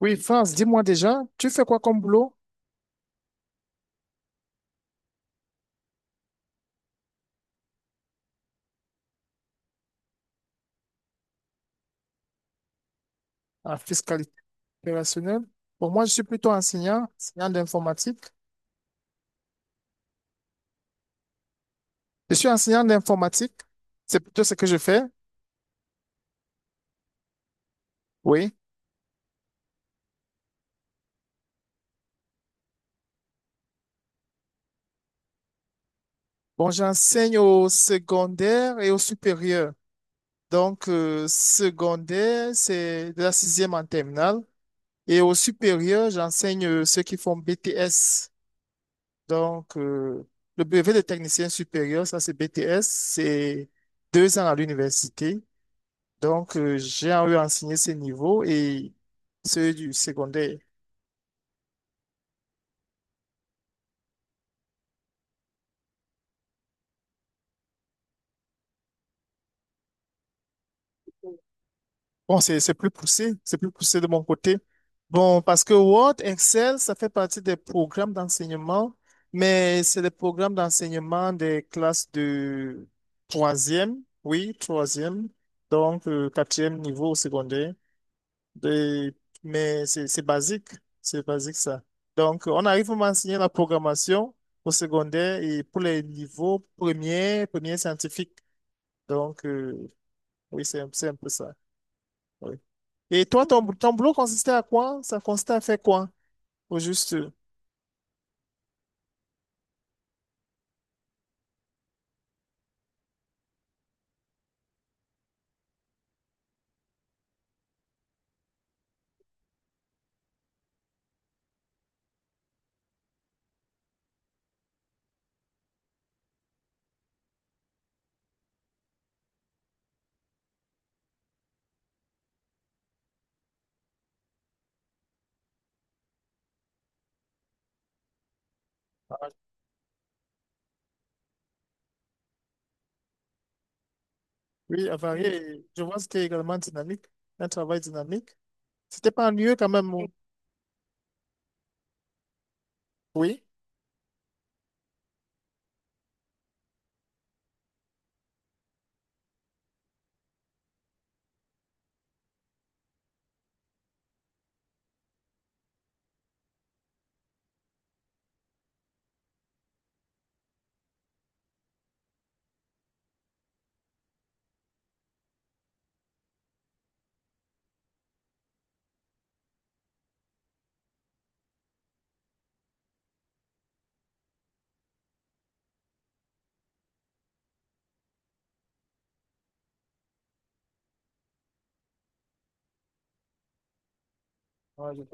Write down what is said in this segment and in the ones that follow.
Oui, France, dis-moi déjà, tu fais quoi comme boulot en fiscalité opérationnelle? Pour moi, je suis plutôt enseignant, enseignant d'informatique. Je suis enseignant d'informatique. C'est plutôt ce que je fais. Oui. Bon, j'enseigne au secondaire et au supérieur. Donc, secondaire, c'est de la sixième en terminale. Et au supérieur, j'enseigne ceux qui font BTS. Donc, le brevet de technicien supérieur, ça c'est BTS, c'est 2 ans à l'université. Donc, j'ai eu enseigné ces niveaux et ceux du secondaire. Bon, c'est plus poussé, c'est plus poussé de mon côté. Bon, parce que Word, Excel, ça fait partie des programmes d'enseignement, mais c'est des programmes d'enseignement des classes de troisième, oui, troisième, donc quatrième niveau au secondaire. Et- mais c'est basique, c'est basique ça. Donc, on arrive à m'enseigner la programmation au secondaire et pour les niveaux premiers, premiers scientifiques. Donc, oui, c'est un peu ça. Oui. Et toi, ton boulot consistait à quoi? Ça consistait à faire quoi? Au juste. Oui, à varier. Je vois que c'était également dynamique, un travail dynamique. C'était pas ennuyeux quand même. Oh. Oui, ah, je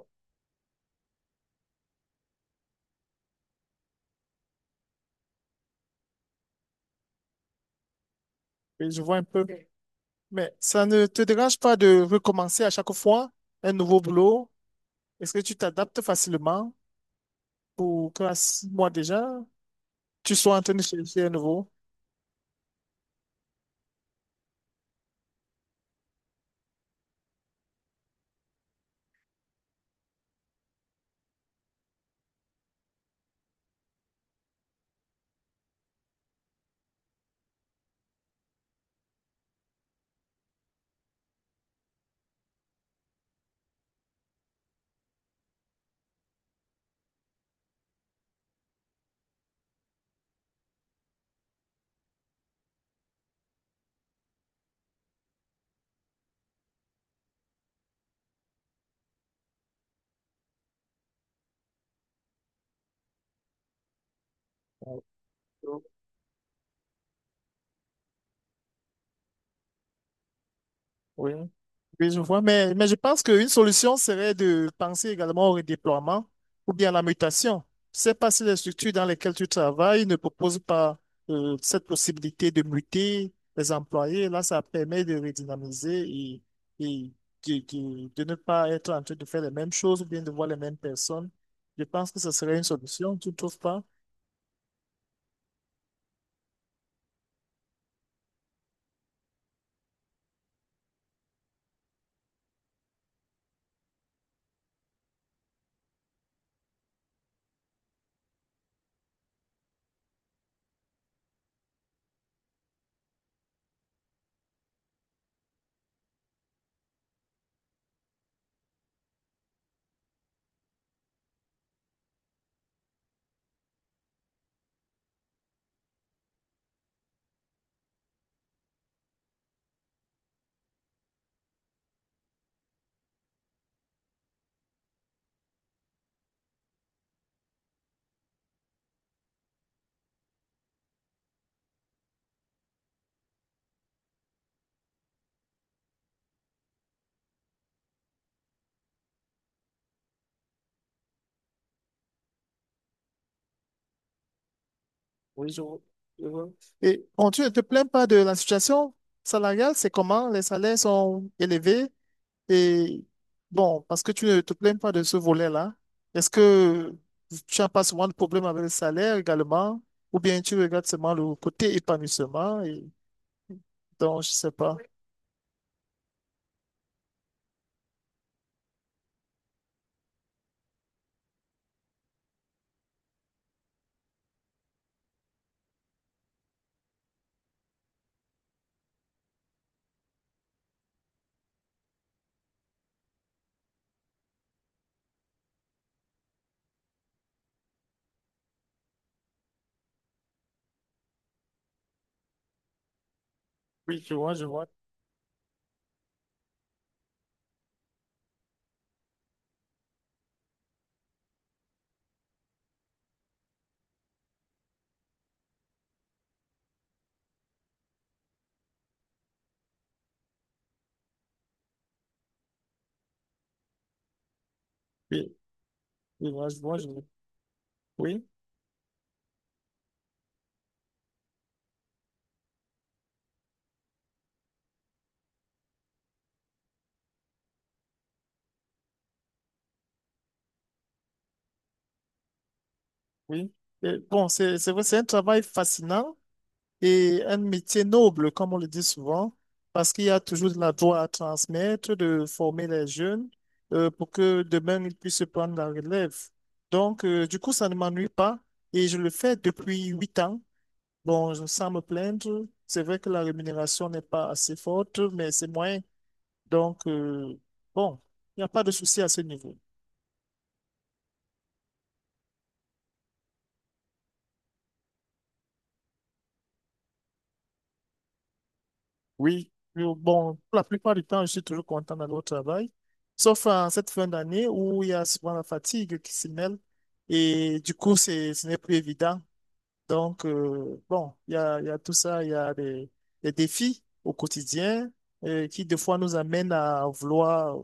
oui, je vois un peu. Mais ça ne te dérange pas de recommencer à chaque fois un nouveau boulot? Est-ce que tu t'adaptes facilement pour que à 6 mois déjà, tu sois en train de chercher un nouveau? Oui. Oui, je vois. Mais je pense qu'une solution serait de penser également au redéploiement ou bien à la mutation. Je sais pas si les structures dans lesquelles tu travailles ne proposent pas cette possibilité de muter les employés. Là, ça permet de redynamiser et de ne pas être en train de faire les mêmes choses ou bien de voir les mêmes personnes. Je pense que ce serait une solution, tu ne trouves pas? Oui, je vois. Je vois. Et bon, tu ne te plains pas de la situation salariale, c'est comment? Les salaires sont élevés et bon, parce que tu ne te plains pas de ce volet-là, est-ce que tu n'as pas souvent de problème avec le salaire également ou bien tu regardes seulement le côté épanouissement et donc je ne sais pas. Oui, je vois, je vois. Oui, je vois, je vois, je vois. Oui, oui. Et bon, c'est vrai, c'est un travail fascinant. Et un métier noble, comme on le dit souvent, parce qu'il y a toujours de la joie à transmettre, de former les jeunes pour que demain ils puissent prendre la relève. Donc, du coup, ça ne m'ennuie pas et je le fais depuis 8 ans. Bon, sans me plaindre, c'est vrai que la rémunération n'est pas assez forte, mais c'est moyen. Donc, bon, il n'y a pas de souci à ce niveau. Oui, bon, pour la plupart du temps, je suis toujours content d'aller au travail, sauf en cette fin d'année où il y a souvent la fatigue qui s'y mêle et du coup, ce n'est plus évident. Donc, bon, il y a tout ça, il y a des défis au quotidien qui, des fois, nous amènent à vouloir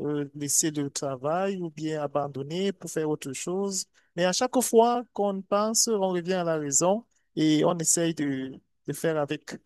laisser le travail ou bien abandonner pour faire autre chose. Mais à chaque fois qu'on pense, on revient à la raison et on essaye de faire avec.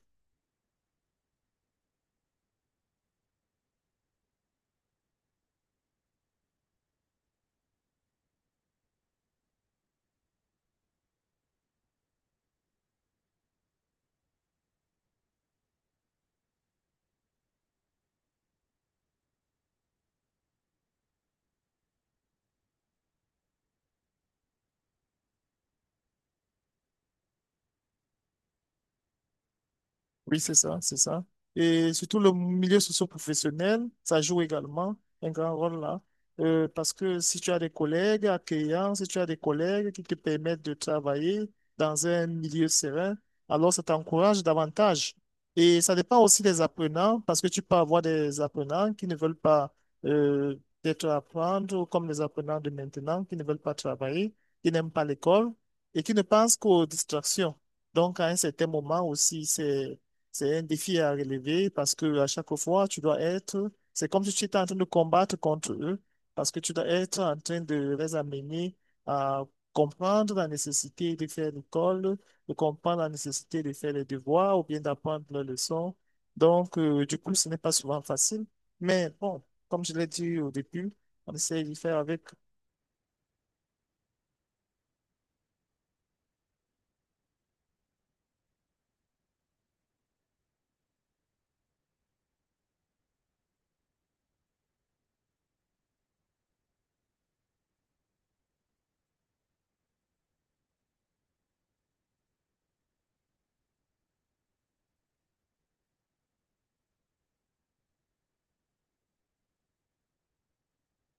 Oui, c'est ça, c'est ça. Et surtout le milieu socio-professionnel, ça joue également un grand rôle là. Parce que si tu as des collègues accueillants, si tu as des collègues qui te permettent de travailler dans un milieu serein, alors ça t'encourage davantage. Et ça dépend aussi des apprenants, parce que tu peux avoir des apprenants qui ne veulent pas euh, peut-être apprendre, ou comme les apprenants de maintenant, qui ne veulent pas travailler, qui n'aiment pas l'école et qui ne pensent qu'aux distractions. Donc, à un certain moment aussi, c'est un défi à relever parce que à chaque fois, tu dois être, c'est comme si tu étais en train de combattre contre eux, parce que tu dois être en train de les amener à comprendre la nécessité de faire l'école, de comprendre la nécessité de faire les devoirs ou bien d'apprendre leurs leçons. Donc, du coup, ce n'est pas souvent facile. Mais bon, comme je l'ai dit au début, on essaie d'y faire avec.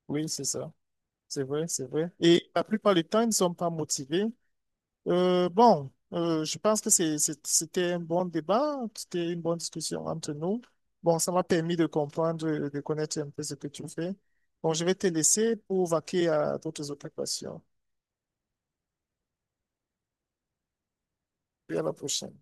Oui, c'est ça. C'est vrai, c'est vrai. Et la plupart du temps, ils ne sont pas motivés. Bon, je pense que c'était un bon débat, c'était une bonne discussion entre nous. Bon, ça m'a permis de comprendre, de connaître un peu ce que tu fais. Bon, je vais te laisser pour vaquer à d'autres occupations. Et à la prochaine.